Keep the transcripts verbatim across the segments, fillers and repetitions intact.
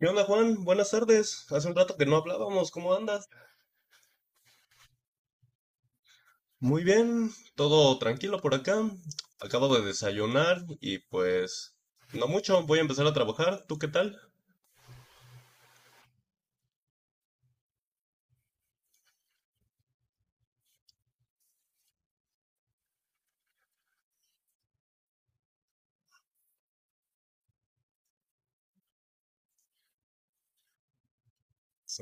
¿Qué onda, Juan? Buenas tardes. Hace un rato que no hablábamos. ¿Cómo andas? Muy bien, todo tranquilo por acá. Acabo de desayunar y pues no mucho. Voy a empezar a trabajar. ¿Tú qué tal?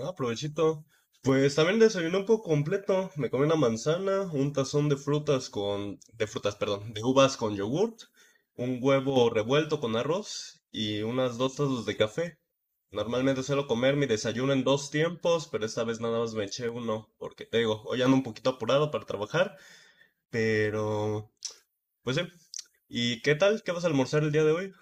Ah, provechito. Pues también desayuné un poco completo. Me comí una manzana, un tazón de frutas con, de frutas, perdón, de uvas con yogurt, un huevo revuelto con arroz y unas dos tazas de café. Normalmente suelo comer mi desayuno en dos tiempos, pero esta vez nada más me eché uno, porque te digo, hoy ando un poquito apurado para trabajar, pero pues sí. ¿Y qué tal? ¿Qué vas a almorzar el día de hoy?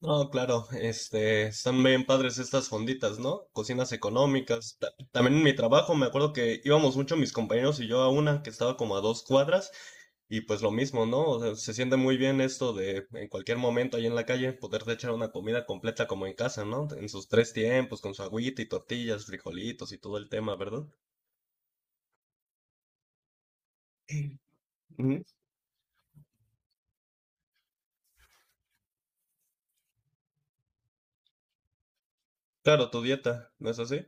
No, claro, este, están bien padres estas fonditas, ¿no? Cocinas económicas. Ta- también en mi trabajo me acuerdo que íbamos mucho mis compañeros y yo a una que estaba como a dos cuadras y pues lo mismo, ¿no? O sea, se siente muy bien esto de en cualquier momento ahí en la calle poderte echar una comida completa como en casa, ¿no? En sus tres tiempos, con su agüita y tortillas, frijolitos y todo el tema, ¿verdad? Sí. Ujú. Claro, tu dieta, ¿no es así?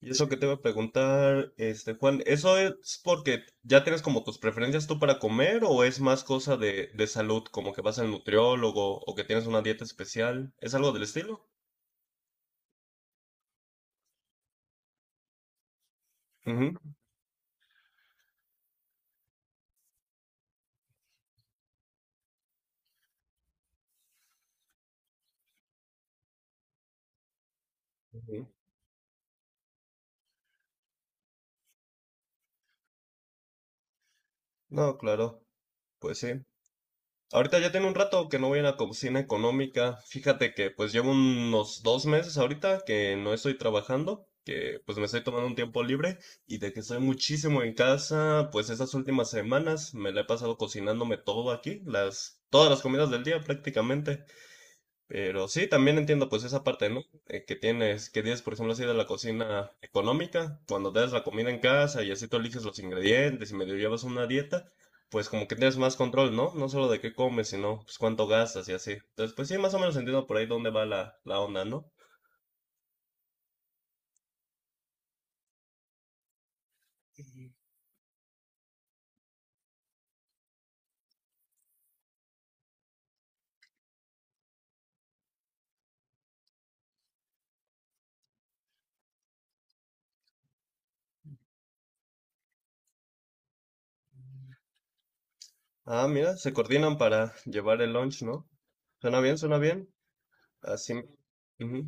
Y eso que te iba a preguntar, este Juan, ¿eso es porque ya tienes como tus preferencias tú para comer o es más cosa de, de salud, como que vas al nutriólogo o que tienes una dieta especial? ¿Es algo del estilo? Ujú, ujú. No, claro, pues sí. Ahorita ya tiene un rato que no voy a la cocina económica. Fíjate que pues llevo unos dos meses ahorita que no estoy trabajando, que pues me estoy tomando un tiempo libre y de que estoy muchísimo en casa, pues estas últimas semanas me la he pasado cocinándome todo aquí, las, todas las comidas del día prácticamente. Pero sí, también entiendo pues esa parte, ¿no? Eh, que tienes, que tienes, por ejemplo, así de la cocina económica, cuando te das la comida en casa y así tú eliges los ingredientes y medio llevas una dieta, pues como que tienes más control, ¿no? No solo de qué comes, sino pues cuánto gastas y así. Entonces, pues sí, más o menos entiendo por ahí dónde va la, la onda, ¿no? Ah, mira, se coordinan para llevar el lunch, ¿no? Suena bien, suena bien. Así. Ujú.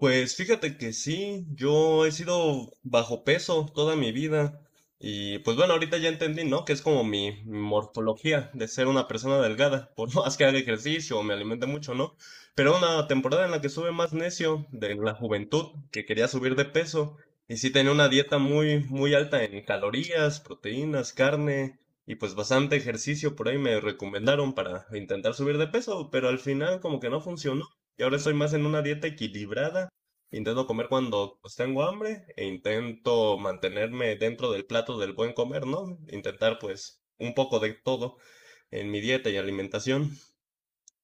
Pues fíjate que sí, yo he sido bajo peso toda mi vida y pues bueno, ahorita ya entendí, ¿no? Que es como mi mi morfología de ser una persona delgada, por más que haga ejercicio o me alimente mucho, ¿no? Pero una temporada en la que estuve más necio de la juventud, que quería subir de peso y sí tenía una dieta muy, muy alta en calorías, proteínas, carne y pues bastante ejercicio por ahí me recomendaron para intentar subir de peso, pero al final como que no funcionó. Y ahora estoy más en una dieta equilibrada. Intento comer cuando pues, tengo hambre e intento mantenerme dentro del plato del buen comer, ¿no? Intentar pues un poco de todo en mi dieta y alimentación.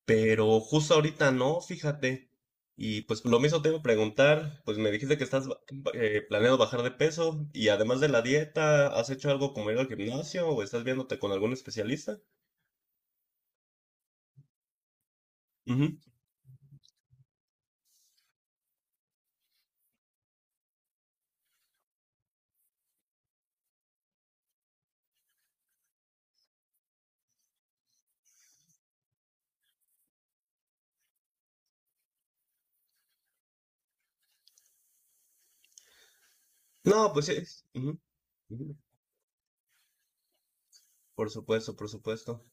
Pero justo ahorita no, fíjate. Y pues lo mismo te iba a preguntar, pues me dijiste que estás ba- eh, planeando bajar de peso y además de la dieta, ¿has hecho algo como ir al gimnasio o estás viéndote con algún especialista? Ujú. No, pues sí. Ujú, ujú. Por supuesto, por supuesto.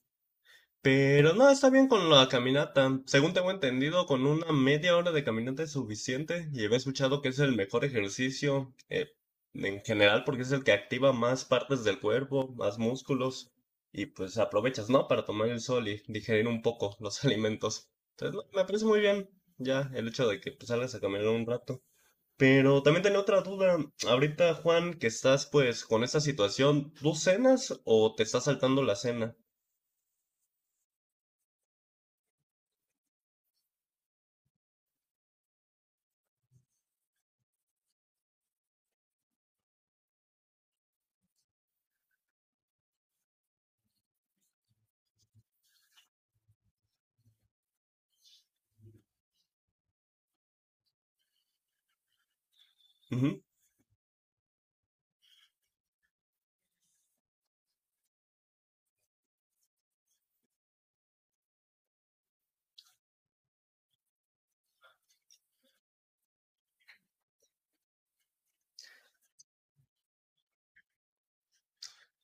Pero no, está bien con la caminata. Según tengo entendido, con una media hora de caminata es suficiente y había escuchado que es el mejor ejercicio eh, en general porque es el que activa más partes del cuerpo, más músculos y pues aprovechas, ¿no? Para tomar el sol y digerir un poco los alimentos. Entonces, no, me parece muy bien ya el hecho de que pues, salgas a caminar un rato. Pero también tenía otra duda. Ahorita, Juan, que estás pues con esta situación, ¿tú cenas o te estás saltando la cena?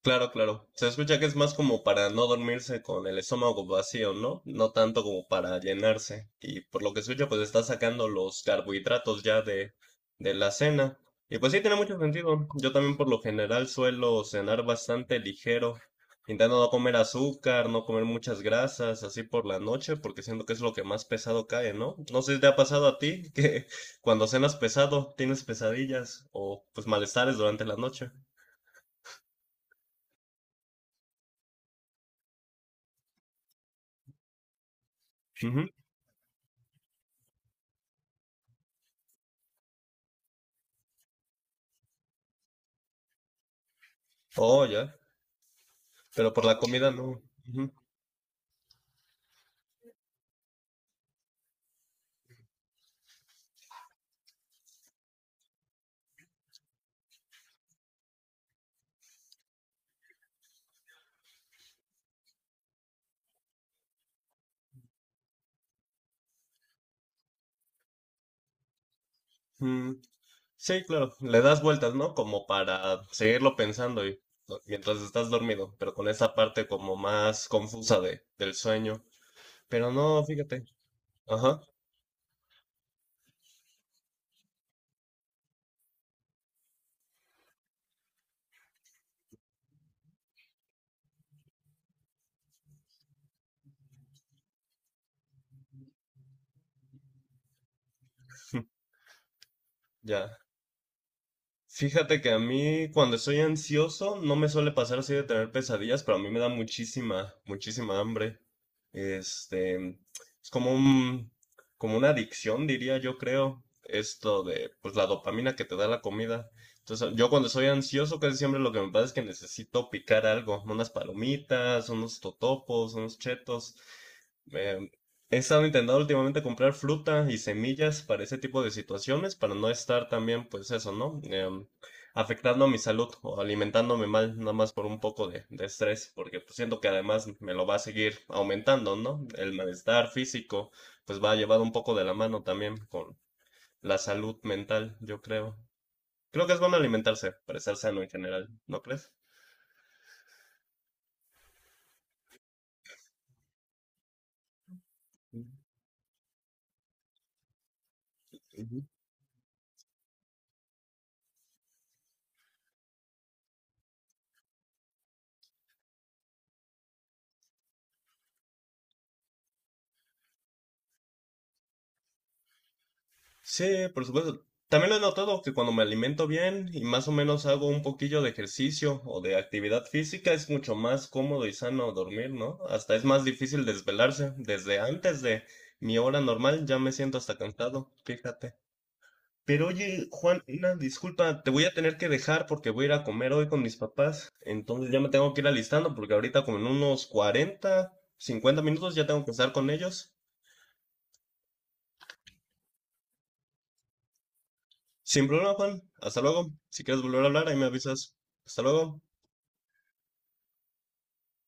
Claro, claro. Se escucha que es más como para no dormirse con el estómago vacío, ¿no? No tanto como para llenarse. Y por lo que escucho, pues está sacando los carbohidratos ya de, de la cena. Y pues sí, tiene mucho sentido. Yo también por lo general suelo cenar bastante ligero, intentando no comer azúcar, no comer muchas grasas, así por la noche, porque siento que es lo que más pesado cae, ¿no? No sé si te ha pasado a ti que cuando cenas pesado tienes pesadillas o pues malestares durante la noche. Ujú. Oh, ya. Pero por la comida no. Ujú. Mm. Sí, claro, le das vueltas, ¿no? Como para seguirlo pensando y, ¿no? mientras estás dormido, pero con esa parte como más confusa de, del sueño. Pero no, fíjate. Ajá, ya. Fíjate que a mí cuando estoy ansioso no me suele pasar así de tener pesadillas, pero a mí me da muchísima, muchísima hambre. Este, es como un, como una adicción, diría yo, creo, esto de, pues la dopamina que te da la comida. Entonces, yo cuando estoy ansioso casi siempre lo que me pasa es que necesito picar algo, unas palomitas, unos totopos, unos chetos. Eh, he estado intentando últimamente comprar fruta y semillas para ese tipo de situaciones, para no estar también, pues eso, ¿no? Em, afectando a mi salud o alimentándome mal, nada más por un poco de, de estrés, porque pues, siento que además me lo va a seguir aumentando, ¿no? El malestar físico, pues va llevado un poco de la mano también con la salud mental, yo creo. Creo que es bueno alimentarse para estar sano en general, ¿no crees? Sí, por supuesto. También lo he notado que cuando me alimento bien y más o menos hago un poquillo de ejercicio o de actividad física, es mucho más cómodo y sano dormir, ¿no? Hasta es más difícil desvelarse. Desde antes de mi hora normal ya me siento hasta cansado, fíjate. Pero oye, Juan, una disculpa, te voy a tener que dejar porque voy a ir a comer hoy con mis papás. Entonces ya me tengo que ir alistando porque ahorita como en unos cuarenta, cincuenta minutos ya tengo que estar con ellos. Sin problema, Juan. Hasta luego. Si quieres volver a hablar, ahí me avisas. Hasta luego.